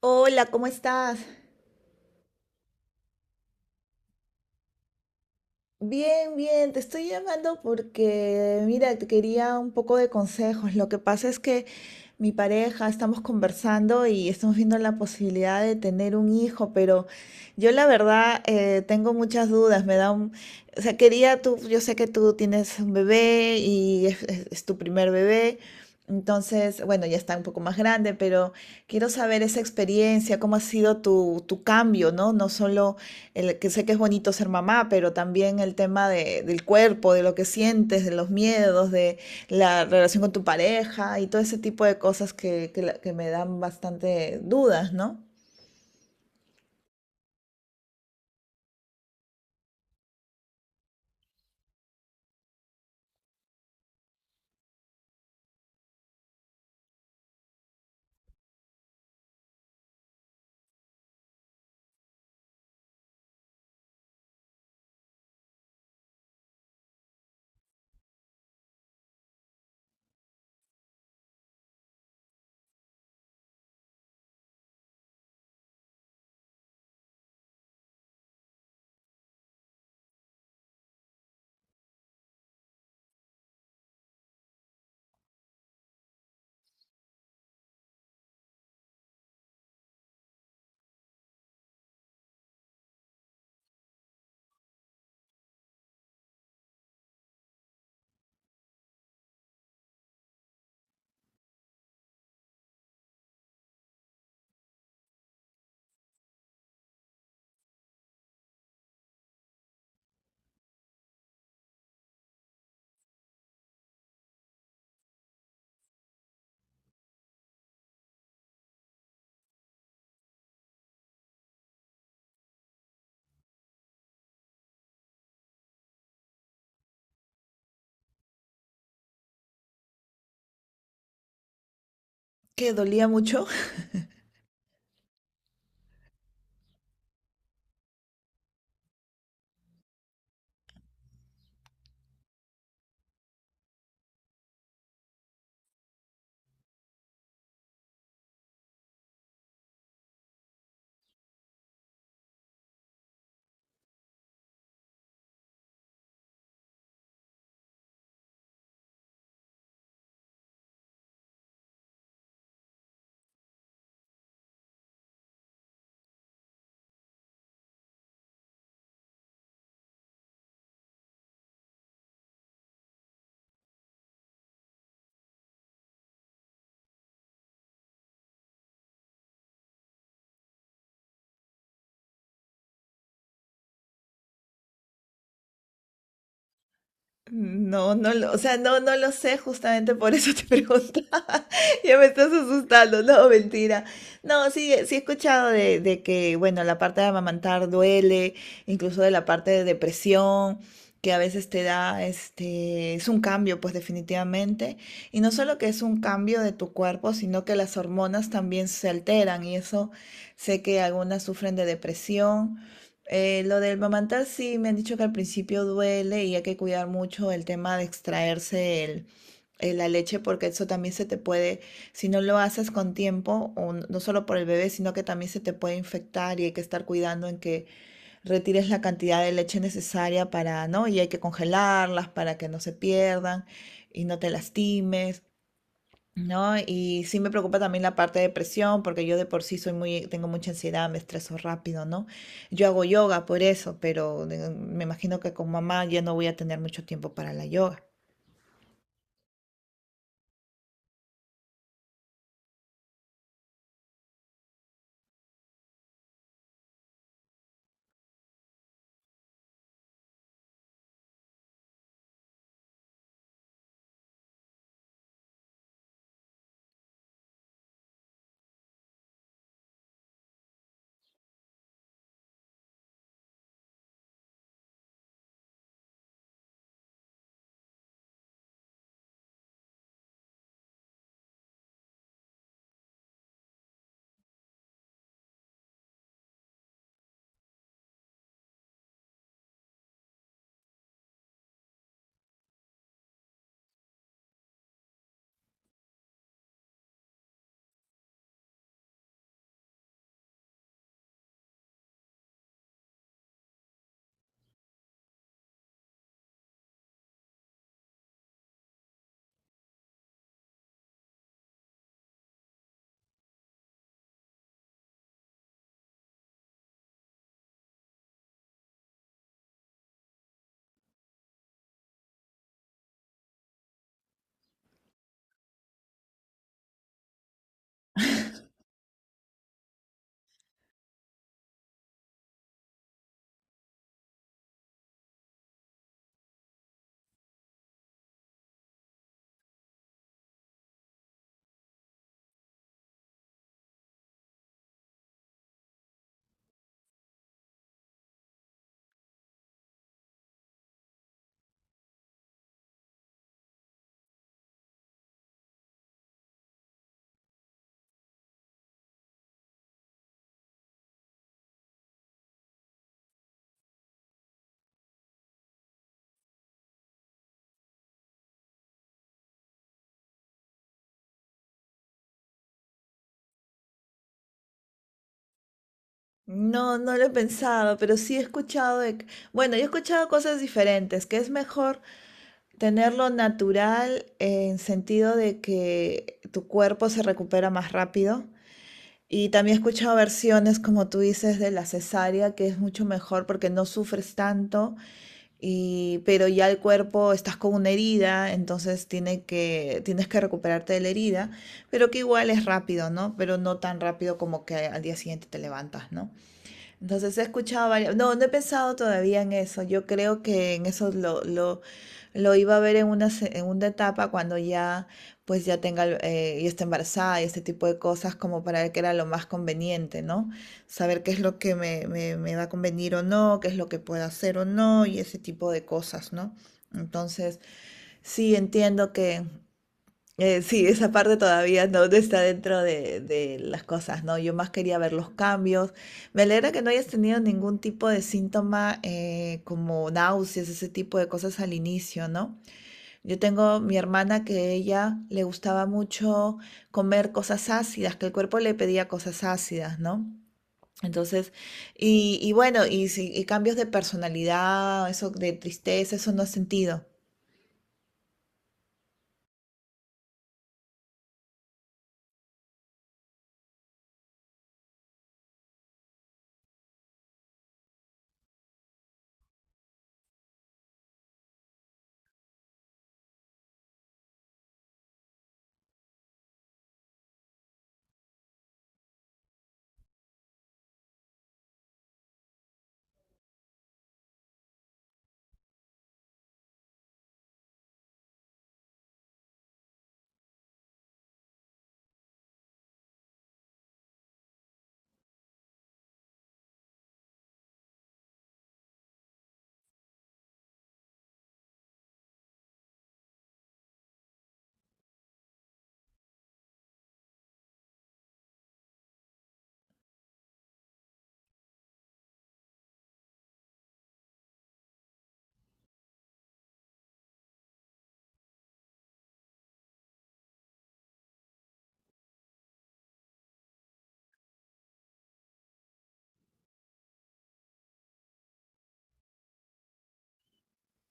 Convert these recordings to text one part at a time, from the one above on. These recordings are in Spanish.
Hola, ¿cómo estás? Bien, bien, te estoy llamando porque, mira, te quería un poco de consejos. Lo que pasa es que mi pareja estamos conversando y estamos viendo la posibilidad de tener un hijo, pero yo la verdad tengo muchas dudas. Me da un, o sea, quería tú, yo sé que tú tienes un bebé y es, es tu primer bebé. Entonces, bueno, ya está un poco más grande, pero quiero saber esa experiencia, cómo ha sido tu cambio, ¿no? No solo el que sé que es bonito ser mamá, pero también el tema de, del cuerpo, de lo que sientes, de los miedos, de la relación con tu pareja y todo ese tipo de cosas que me dan bastante dudas, ¿no? ¿Que dolía mucho? No, no lo, o sea, no, no lo sé, justamente por eso te preguntaba. Ya me estás asustando, no, mentira. No, sí, sí he escuchado de que, bueno, la parte de amamantar duele, incluso de la parte de depresión, que a veces te da, este, es un cambio, pues definitivamente. Y no solo que es un cambio de tu cuerpo, sino que las hormonas también se alteran y eso sé que algunas sufren de depresión. Lo del mamantar sí me han dicho que al principio duele y hay que cuidar mucho el tema de extraerse el, la leche porque eso también se te puede, si no lo haces con tiempo, o no solo por el bebé, sino que también se te puede infectar y hay que estar cuidando en que retires la cantidad de leche necesaria para, ¿no? Y hay que congelarlas para que no se pierdan y no te lastimes. ¿No? Y sí me preocupa también la parte de depresión, porque yo de por sí soy muy, tengo mucha ansiedad, me estreso rápido, ¿no? Yo hago yoga por eso, pero me imagino que con mamá ya no voy a tener mucho tiempo para la yoga. No, no lo he pensado, pero sí he escuchado de que, bueno, yo he escuchado cosas diferentes, que es mejor tenerlo natural en sentido de que tu cuerpo se recupera más rápido. Y también he escuchado versiones, como tú dices, de la cesárea, que es mucho mejor porque no sufres tanto y, pero ya el cuerpo estás con una herida, entonces tiene que, tienes que recuperarte de la herida, pero que igual es rápido, ¿no? Pero no tan rápido como que al día siguiente te levantas, ¿no? Entonces he escuchado varias, no, no he pensado todavía en eso. Yo creo que en eso lo iba a ver en una, en una etapa cuando ya, pues ya tenga, ya esté embarazada y este tipo de cosas como para ver qué era lo más conveniente, ¿no? Saber qué es lo que me va a convenir o no, qué es lo que puedo hacer o no y ese tipo de cosas, ¿no? Entonces, sí, entiendo sí, esa parte todavía no está dentro de las cosas, ¿no? Yo más quería ver los cambios. Me alegra que no hayas tenido ningún tipo de síntoma, como náuseas, ese tipo de cosas al inicio, ¿no? Yo tengo mi hermana que ella le gustaba mucho comer cosas ácidas, que el cuerpo le pedía cosas ácidas, ¿no? Entonces, y bueno, y, si- y cambios de personalidad, eso de tristeza, eso no has sentido.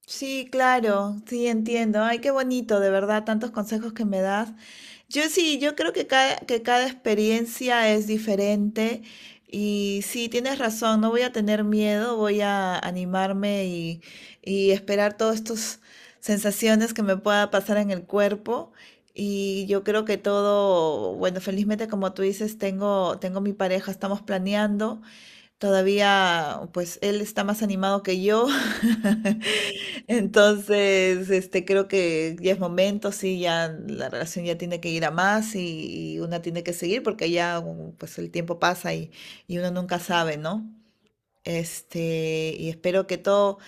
Sí, claro, sí, entiendo. Ay, qué bonito, de verdad, tantos consejos que me das. Yo sí, yo creo que cada experiencia es diferente y sí, tienes razón, no voy a tener miedo, voy a animarme y esperar todas estas sensaciones que me pueda pasar en el cuerpo. Y yo creo que todo, bueno, felizmente como tú dices, tengo mi pareja, estamos planeando. Todavía, pues, él está más animado que yo. Entonces, este, creo que ya es momento, sí, ya la relación ya tiene que ir a más y una tiene que seguir porque ya, pues, el tiempo pasa y uno nunca sabe, ¿no? Este, y espero que todo,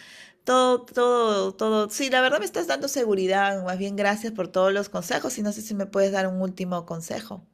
todo, todo, todo. Sí, la verdad me estás dando seguridad. Más bien, gracias por todos los consejos y no sé si me puedes dar un último consejo.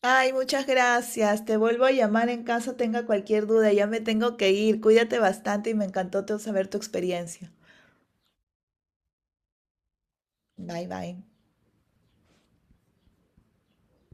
Ay, muchas gracias. Te vuelvo a llamar en caso tenga cualquier duda. Ya me tengo que ir. Cuídate bastante y me encantó saber tu experiencia. Bye, bye.